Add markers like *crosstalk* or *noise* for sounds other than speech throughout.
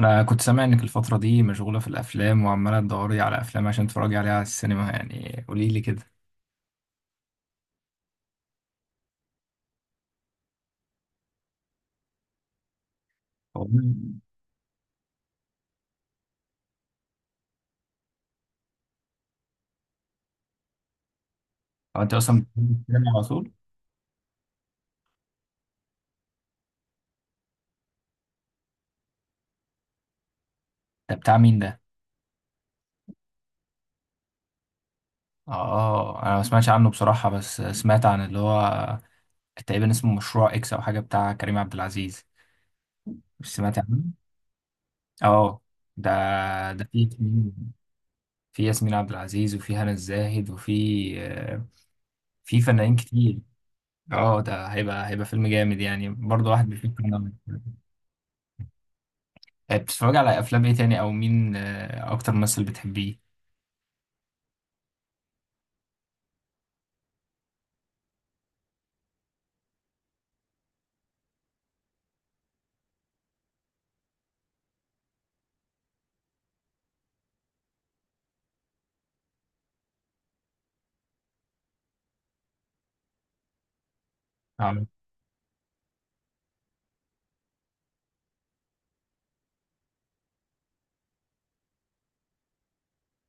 انا كنت سامع انك الفتره دي مشغوله في الافلام وعماله تدوري على افلام عشان تتفرجي عليها على السينما، يعني قولي لي كده. هو هو انت اصلا بتحبي السينما على طول؟ ده بتاع مين ده؟ اه، انا ما سمعتش عنه بصراحه، بس سمعت عن اللي هو تقريبا اسمه مشروع اكس او حاجه بتاع كريم عبد العزيز. مش سمعت عنه؟ اه. ده ده فيه ياسمين- في ياسمين عبد العزيز وفي هنا الزاهد وفي آه، في فنانين كتير. اه، ده هيبقى فيلم جامد يعني، برضه واحد بيفكر. بتتفرجي على افلام ايه تاني؟ او مين اكتر ممثل بتحبيه؟ اه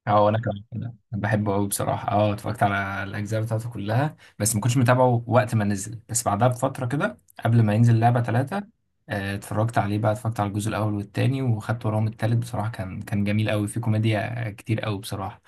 اه، انا كمان كده. أنا بحبه قوي بصراحه، اه، اتفرجت على الاجزاء بتاعته كلها، بس ما كنتش متابعه وقت ما نزل، بس بعدها بفتره كده، قبل ما ينزل لعبه ثلاثة اتفرجت عليه بقى. اتفرجت على الجزء الاول والتاني وخدت وراهم التالت، بصراحه كان جميل قوي، فيه كوميديا كتير قوي بصراحه.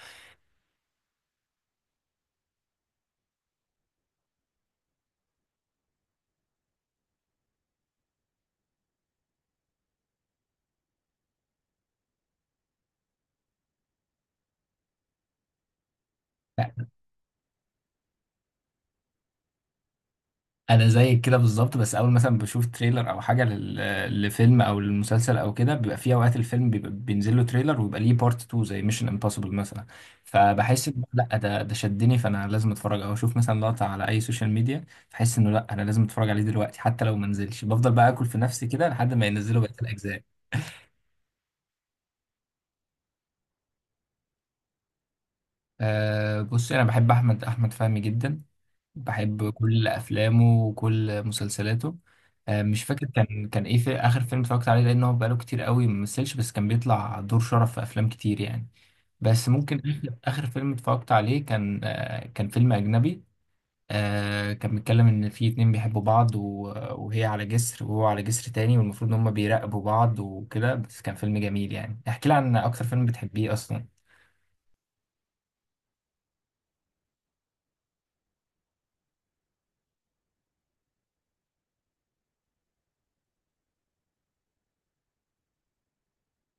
انا زيك كده بالظبط، بس اول مثلا بشوف تريلر او حاجه لفيلم او للمسلسل او كده، بيبقى في اوقات الفيلم بيبقى بينزل له تريلر ويبقى ليه بارت 2 زي ميشن امبوسيبل مثلا. فبحس إن لا، ده شدني، فانا لازم اتفرج او اشوف مثلا لقطه على اي سوشيال ميديا. بحس انه لا، انا لازم اتفرج عليه دلوقتي، حتى لو ما نزلش بفضل بقى اكل في نفسي كده لحد ما ينزلوا بقيه الاجزاء. أه بص، انا بحب احمد فهمي جدا، بحب كل افلامه وكل مسلسلاته. مش فاكر كان ايه في اخر فيلم اتفرجت عليه، لان هو بقاله كتير قوي ما مثلش، بس كان بيطلع دور شرف في افلام كتير يعني. بس ممكن آخر فيلم اتفرجت عليه كان فيلم اجنبي. كان بيتكلم ان في اتنين بيحبوا بعض وهي على جسر وهو على جسر تاني، والمفروض ان هما بيراقبوا بعض وكده، بس كان فيلم جميل. يعني احكي لي عن اكتر فيلم بتحبيه اصلا؟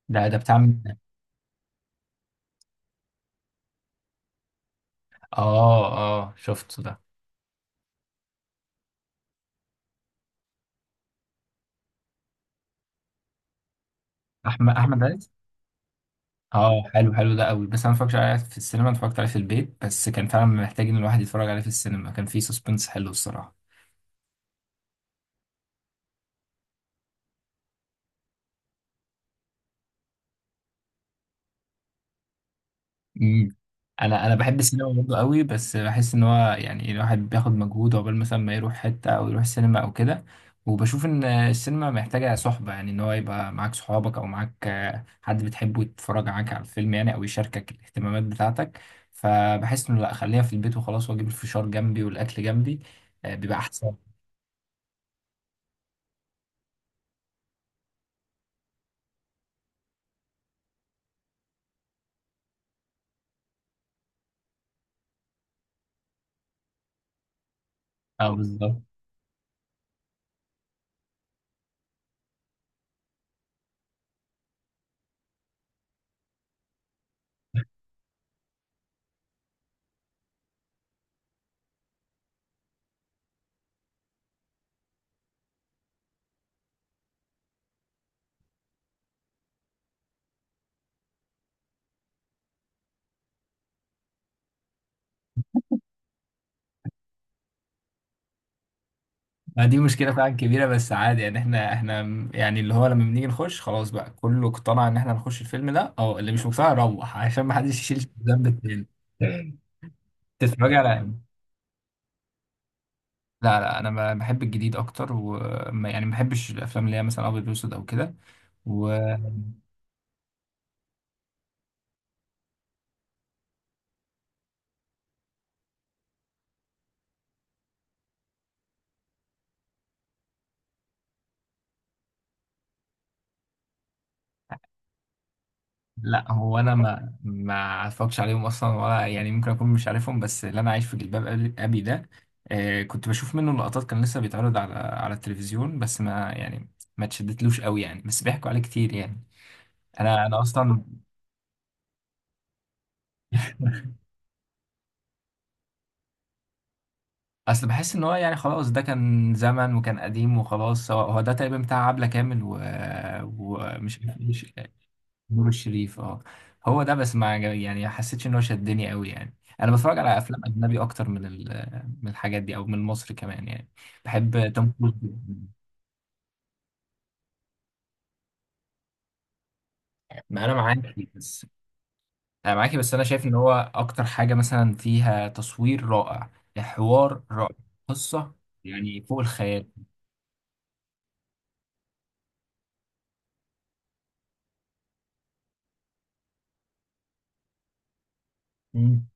ده بتاع مين؟ اه اه، شفته ده. احمد عز. اه، حلو حلو ده قوي، بس انا مفكرش عليه في السينما، اتفرجت عليه في البيت، بس كان فعلا محتاج ان الواحد يتفرج عليه في السينما، كان فيه سسبنس حلو الصراحه. امم. انا بحب السينما برضه قوي، بس بحس ان هو يعني الواحد بياخد مجهود عقبال مثلا ما يروح حته او يروح السينما او كده. وبشوف ان السينما محتاجه صحبه، يعني ان هو يبقى معاك صحابك او معاك حد بتحبه يتفرج معاك على الفيلم يعني، او يشاركك الاهتمامات بتاعتك. فبحس انه لا، خليها في البيت وخلاص، واجيب الفشار جنبي والاكل جنبي، بيبقى احسن. اه بالظبط. ما دي مشكلة فعلا كبيرة، بس عادي يعني، يعني اللي هو لما بنيجي نخش خلاص بقى كله اقتنع ان احنا نخش الفيلم ده، او اللي مش مقتنع يروح عشان ما حدش يشيل ذنب التاني. تتفرج على إيه؟ لا لا، انا بحب الجديد اكتر، وما يعني ما بحبش الافلام اللي هي مثلا ابيض واسود او كده. لا هو انا ما اتفرجش عليهم اصلا، ولا يعني ممكن اكون مش عارفهم، بس اللي انا عايش في جلباب أبي ده، آه كنت بشوف منه لقطات، كان لسه بيتعرض على التلفزيون، بس ما يعني ما اتشدتلوش قوي يعني، بس بيحكوا عليه كتير يعني. انا انا اصلا *laughs* اصل بحس ان هو يعني خلاص ده كان زمن وكان قديم وخلاص، هو ده تقريبا بتاع عبلة كامل ومش عارف إيه، نور الشريف. اه، هو ده، بس ما عجب- يعني ما حسيتش ان هو شدني قوي يعني. انا بتفرج على افلام اجنبي اكتر من الحاجات دي او من مصر كمان يعني. بحب توم كروز جداً. ما انا معاكي بس. انا معاكي بس، انا شايف ان هو اكتر حاجه مثلا فيها تصوير رائع، حوار رائع، قصه، يعني فوق الخيال. مم.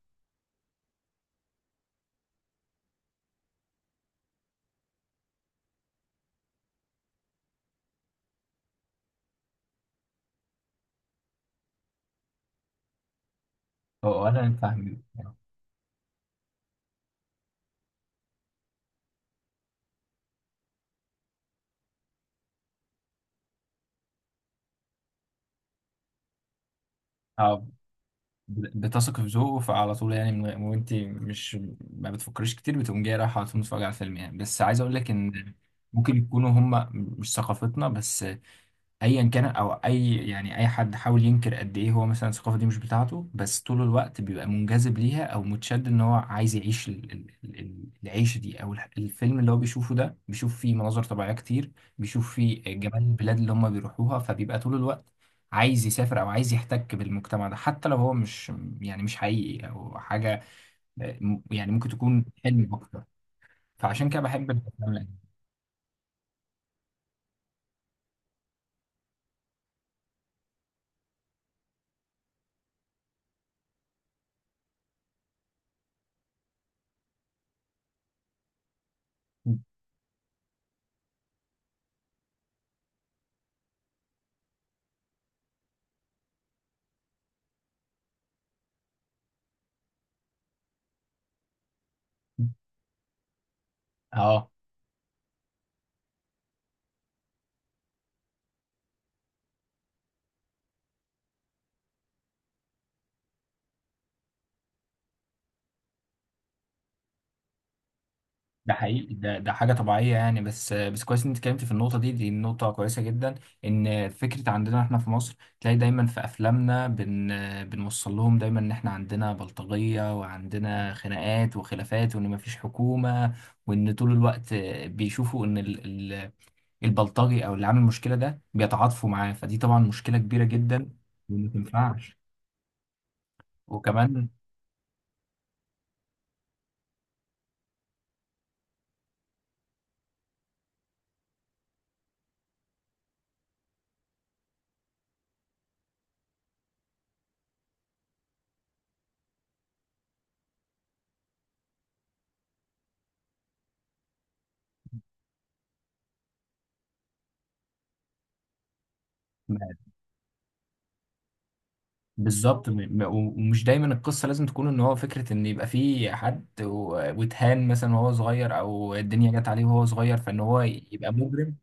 هو انا فاهم. بتثق في ذوقه، فعلى طول يعني، من غير- وانت مش ما بتفكريش كتير، بتقوم جايه رايحه على طول متفرجه على الفيلم يعني. بس عايز اقول لك ان ممكن يكونوا هم مش ثقافتنا، بس ايا كان، او اي يعني اي حد حاول ينكر قد ايه هو مثلا الثقافه دي مش بتاعته، بس طول الوقت بيبقى منجذب ليها او متشد، ان هو عايز يعيش العيشه دي، او الفيلم اللي هو بيشوفه ده، بيشوف فيه مناظر طبيعيه كتير، بيشوف فيه جمال البلاد اللي هم بيروحوها، فبيبقى طول الوقت عايز يسافر او عايز يحتك بالمجتمع ده، حتى لو هو مش يعني مش حقيقي او حاجه، يعني ممكن تكون حلم اكتر. فعشان كده بحب الافلام الأجنبية. اه ده حقيقي، ده حاجة طبيعية يعني، بس كويس ان انت اتكلمت في النقطة دي، دي نقطة كويسة جدا. ان فكرة عندنا احنا في مصر تلاقي دايما في افلامنا بنوصل لهم دايما ان احنا عندنا بلطجية وعندنا خناقات وخلافات، وان مفيش حكومة، وان طول الوقت بيشوفوا ان ال- البلطجي او اللي عامل المشكلة ده بيتعاطفوا معاه، فدي طبعا مشكلة كبيرة جدا وما تنفعش. وكمان بالظبط. ومش دايما القصه لازم تكون ان هو فكره ان يبقى في حد واتهان مثلا وهو صغير، او الدنيا جت عليه وهو صغير، فان هو يبقى مجرم.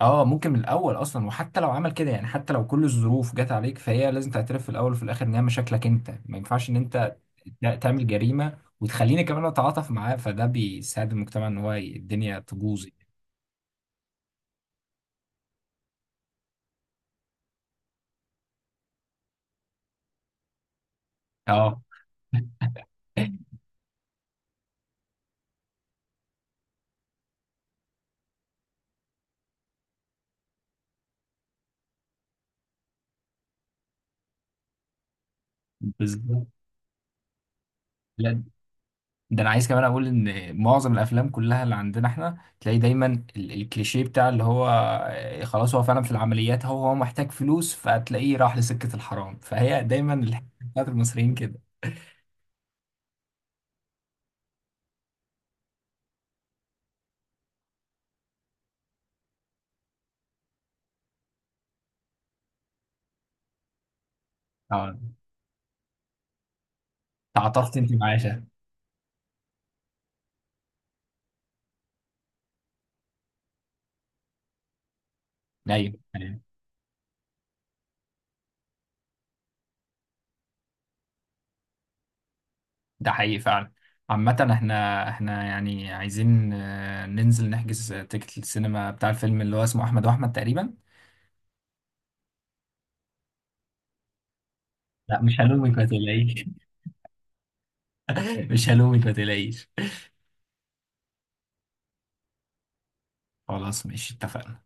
اه ممكن من الاول اصلا، وحتى لو عمل كده يعني، حتى لو كل الظروف جت عليك، فهي لازم تعترف في الاول وفي الاخر ان هي مشاكلك انت، ما ينفعش ان انت تعمل جريمه وتخليني كمان اتعاطف معاه، فده بيساعد المجتمع ان هو الدنيا تبوظ يعني. اه. *laughs* بالظبط. لا، ده انا عايز كمان اقول ان معظم الافلام كلها اللي عندنا احنا تلاقي دايما الكليشيه بتاع اللي هو خلاص، هو فعلا في العمليات هو محتاج فلوس، فتلاقيه راح لسكة الحرام، فهي دايما الحكايه بتاعت المصريين كده. اه، تعاطفت انت معايا شهد. ايوه أيوة. ده حقيقي فعلا. عامة احنا يعني عايزين ننزل نحجز تيكت السينما بتاع الفيلم اللي هو اسمه احمد واحمد تقريبا. لا مش هلومك ما تقلقيش. *laughs* مش هلومك ما تقلقيش. خلاص ماشي اتفقنا.